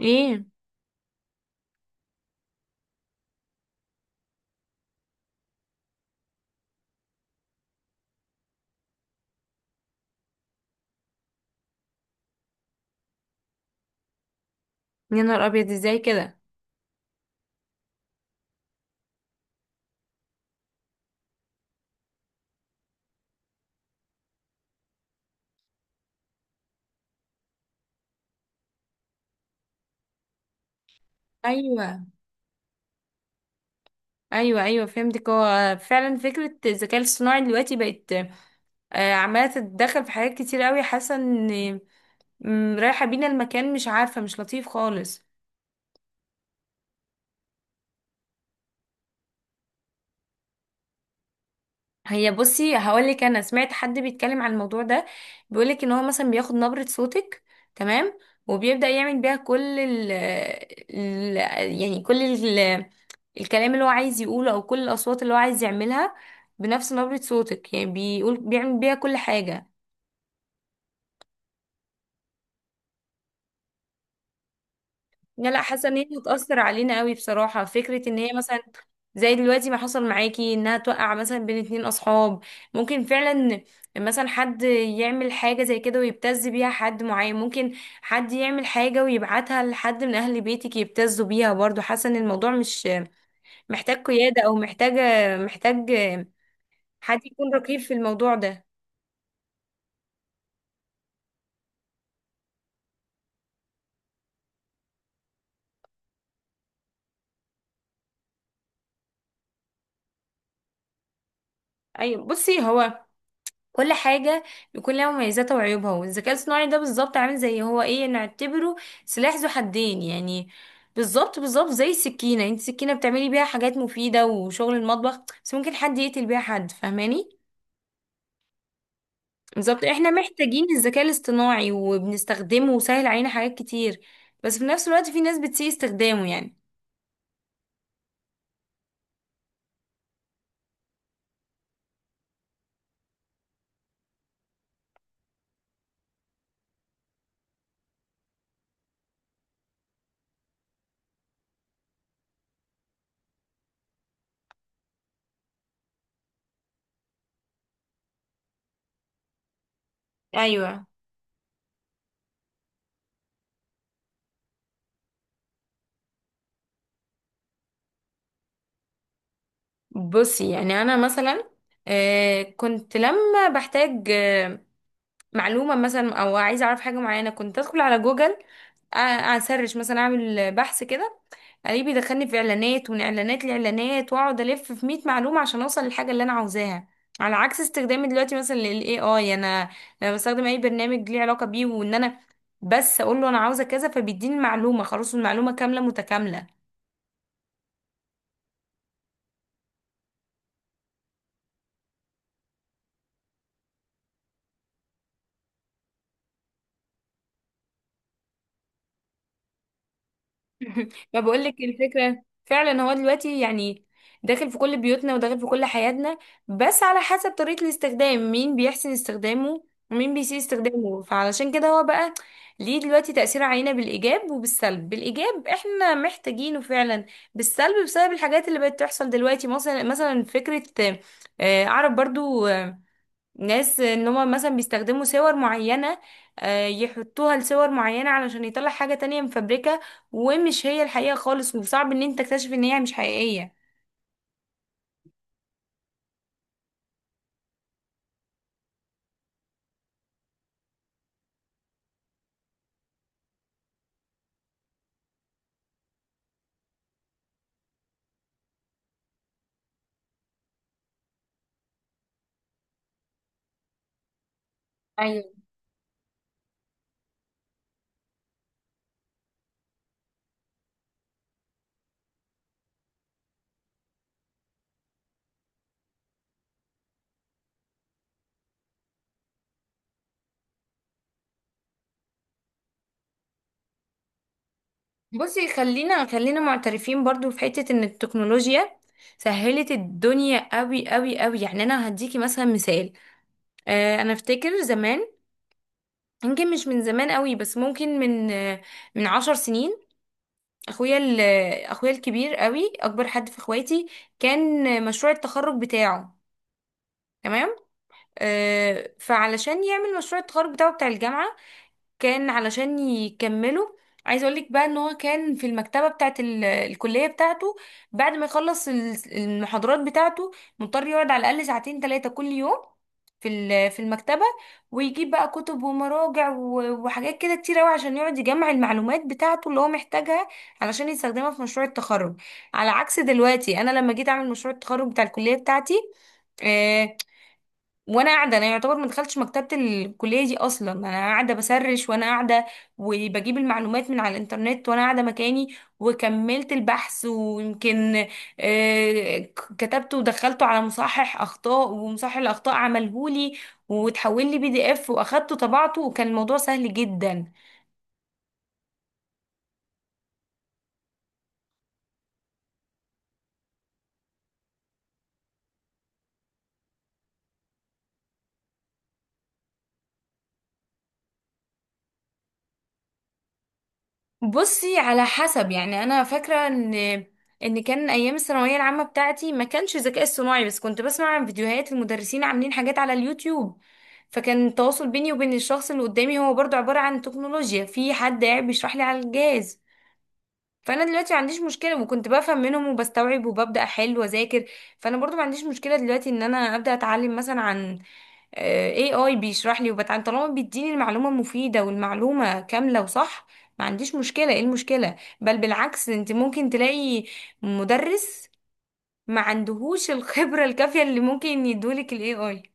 ايه. يا نهار ابيض، ازاي كده؟ ايوه، ايوه، ايوه، فهمتك. هو فعلا فكره الذكاء الاصطناعي دلوقتي بقت عماله تتدخل في حاجات كتير قوي، حاسه ان رايحه بينا المكان، مش عارفه، مش لطيف خالص. هي بصي هقولك، انا سمعت حد بيتكلم عن الموضوع ده، بيقولك ان هو مثلا بياخد نبرة صوتك، تمام، وبيبدأ يعمل بيها كل ال- يعني كل ال- الكلام اللي هو عايز يقوله، او كل الاصوات اللي هو عايز يعملها بنفس نبرة صوتك، يعني بيقول بيعمل بيها كل حاجة. لا، لا، حاسه ان هي هتأثر علينا قوي، بصراحه فكره ان هي مثلا زي دلوقتي ما حصل معاكي، انها توقع مثلا بين اتنين اصحاب، ممكن فعلا، مثلا حد يعمل حاجه زي كده ويبتز بيها حد معين، ممكن حد يعمل حاجه ويبعتها لحد من اهل بيتك يبتزوا بيها، برضو حاسه ان الموضوع مش محتاج قياده، او محتاجه، محتاج حد يكون رقيب في الموضوع ده. ايوه، بصي هو كل حاجة بيكون لها مميزاتها وعيوبها، والذكاء الصناعي ده بالظبط عامل زي هو ايه، نعتبره سلاح ذو حدين يعني. بالظبط بالظبط، زي السكينة، انت السكينة بتعملي بيها حاجات مفيدة وشغل المطبخ، بس ممكن حد يقتل بيها حد، فاهماني؟ بالظبط، احنا محتاجين الذكاء الاصطناعي وبنستخدمه وسهل علينا حاجات كتير، بس في نفس الوقت في ناس بتسيء استخدامه يعني. ايوه، بصي يعني انا مثلا كنت لما بحتاج معلومة مثلا، او عايزة اعرف حاجة معينة، كنت ادخل على جوجل، اسرش مثلا، اعمل بحث كده، الاقيه بيدخلني في اعلانات ومن اعلانات لاعلانات، واقعد الف في 100 معلومة عشان اوصل للحاجة اللي انا عاوزاها. على عكس استخدامي دلوقتي مثلا للاي اي، انا لما بستخدم اي برنامج ليه علاقة بيه، وان انا بس اقول له انا عاوزة كذا فبيديني المعلومة، خلاص المعلومة كاملة متكاملة. ما بقولك الفكرة فعلا، هو دلوقتي يعني داخل في كل بيوتنا وداخل في كل حياتنا، بس على حسب طريقة الاستخدام، مين بيحسن استخدامه ومين بيسيء استخدامه، فعلشان كده هو بقى ليه دلوقتي تأثير علينا بالإيجاب وبالسلب. بالإيجاب احنا محتاجينه فعلا، بالسلب بسبب الحاجات اللي بقت تحصل دلوقتي، مثلا مثلا فكرة أعرف برضو ناس ان هم مثلا بيستخدموا صور معينة، يحطوها لصور معينة علشان يطلع حاجة تانية مفبركة ومش هي الحقيقة خالص، وصعب ان انت تكتشف ان هي مش حقيقية. ايوه، بصي خلينا خلينا معترفين برضو في حتة ان التكنولوجيا سهلت الدنيا قوي قوي قوي، يعني انا هديكي مثلا مثال. انا افتكر زمان، يمكن مش من زمان قوي، بس ممكن من 10 سنين، اخويا ال- اخويا الكبير، قوي اكبر حد في اخواتي، كان مشروع التخرج بتاعه، تمام، آه فعلشان يعمل مشروع التخرج بتاعه بتاع الجامعة كان علشان يكمله. عايز اقولك بقى ان هو كان في المكتبة بتاعت الكلية بتاعته، بعد ما يخلص المحاضرات بتاعته، مضطر يقعد على الأقل ساعتين 3 كل يوم في المكتبة، ويجيب بقى كتب ومراجع وحاجات كده كتير قوي عشان يقعد يجمع المعلومات بتاعته اللي هو محتاجها، علشان يستخدمها في مشروع التخرج. على عكس دلوقتي انا لما جيت اعمل مشروع التخرج بتاع الكلية بتاعتي، آه، وانا قاعده، انا يعتبر ما دخلتش مكتبه الكليه دي اصلا، انا قاعده بسرش وانا قاعده وبجيب المعلومات من على الانترنت وانا قاعده مكاني وكملت البحث، ويمكن كتبته ودخلته على مصحح اخطاء، ومصحح الاخطاء عملهولي وتحول لي بي دي اف، واخدته طبعته، وكان الموضوع سهل جدا. بصي على حسب، يعني انا فاكره ان كان ايام الثانويه العامه بتاعتي ما كانش ذكاء اصطناعي، بس كنت بسمع عن فيديوهات المدرسين عاملين حاجات على اليوتيوب، فكان التواصل بيني وبين الشخص اللي قدامي هو برضو عباره عن تكنولوجيا، في حد قاعد بيشرح لي على الجهاز، فانا دلوقتي ما عنديش مشكله، وكنت بفهم منهم وبستوعب وببدا احل واذاكر، فانا برضو ما عنديش مشكله دلوقتي ان انا ابدا اتعلم مثلا عن اي اي بيشرح لي وبتعلم طالما بيديني المعلومة مفيدة والمعلومة كاملة وصح، ما عنديش مشكلة، ايه المشكلة؟ بل بالعكس، انت ممكن تلاقي مدرس ما عندهوش الخبرة الكافية اللي ممكن يدولك الاي اي.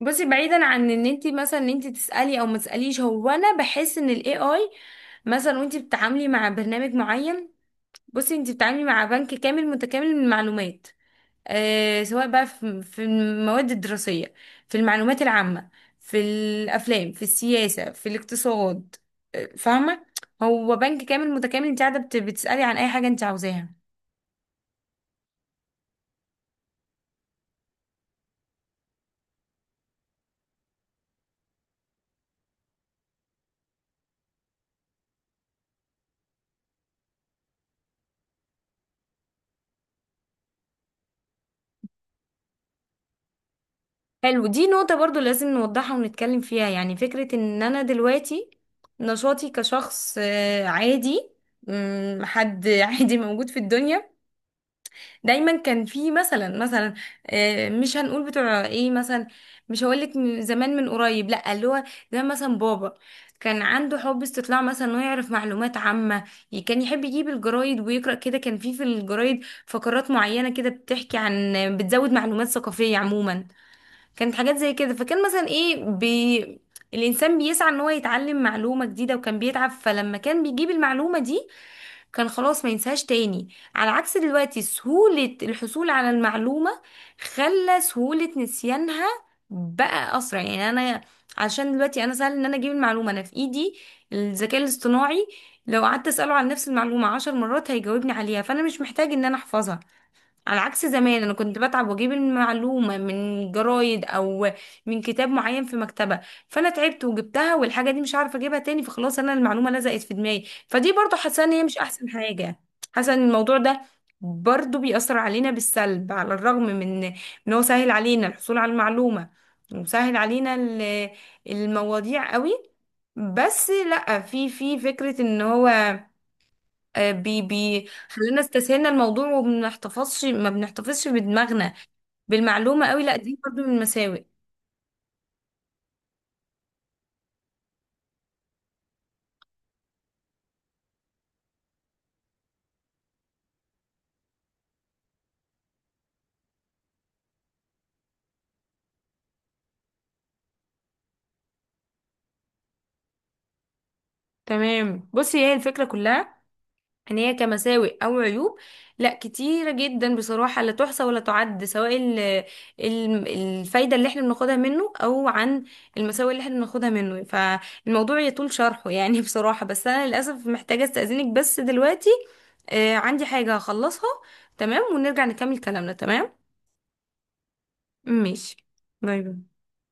بصي بعيدا عن ان انت مثلا ان انت تسالي او ما تساليش، هو انا بحس ان الاي اي مثلا وانت بتتعاملي مع برنامج معين، بصي انت بتتعاملي مع بنك كامل متكامل من المعلومات، سواء بقى في المواد الدراسية، في المعلومات العامة، في الأفلام، في السياسة، في الاقتصاد، فاهمة، هو بنك كامل متكامل، انت قاعدة بتسألي عن أي حاجة انت عاوزاها. حلو، دي نقطة برضو لازم نوضحها ونتكلم فيها، يعني فكرة ان انا دلوقتي نشاطي كشخص عادي، حد عادي موجود في الدنيا، دايما كان في مثلا مثلا مش هنقول بتوع ايه مثلا، مش هقولك من زمان، من قريب، لا، اللي هو زي مثلا بابا، كان عنده حب استطلاع مثلا انه يعرف معلومات عامة، كان يحب يجيب الجرايد ويقرأ كده، كان في الجرايد فقرات معينة كده بتحكي عن، بتزود معلومات ثقافية عموما، كانت حاجات زي كده، فكان مثلا ايه الإنسان بيسعى ان هو يتعلم معلومة جديدة، وكان بيتعب، فلما كان بيجيب المعلومة دي كان خلاص ما ينساهاش تاني. على عكس دلوقتي، سهولة الحصول على المعلومة خلى سهولة نسيانها بقى أسرع، يعني أنا عشان دلوقتي أنا سهل إن أنا أجيب المعلومة، أنا في إيدي الذكاء الاصطناعي، لو قعدت أسأله عن نفس المعلومة 10 مرات هيجاوبني عليها، فأنا مش محتاج إن أنا أحفظها. على عكس زمان، انا كنت بتعب واجيب المعلومه من جرايد او من كتاب معين في مكتبه، فانا تعبت وجبتها والحاجه دي مش عارفه اجيبها تاني، فخلاص انا المعلومه لزقت في دماغي، فدي برضو حاسه ان هي مش احسن حاجه، حاسه ان الموضوع ده برضو بيأثر علينا بالسلب، على الرغم من ان هو سهل علينا الحصول على المعلومه وسهل علينا المواضيع قوي، بس لا، في فكرة ان هو آه، بي بي خلينا استسهلنا الموضوع وما بنحتفظش ما بنحتفظش بدماغنا بالمعلومة قوي، لا دي برضو من المساوئ. تمام، بصي هي الفكرة كلها، ان هي كمساوئ او عيوب لا، كتيرة جدا بصراحة لا تحصى ولا تعد، سواء ال ال الفايدة اللي احنا بناخدها منه، او عن المساوئ اللي احنا بناخدها منه، فالموضوع يطول شرحه يعني بصراحة، بس انا للأسف محتاجة استأذنك بس دلوقتي، عندي حاجة هخلصها، تمام، ونرجع نكمل كلامنا، تمام، ماشي، باي باي.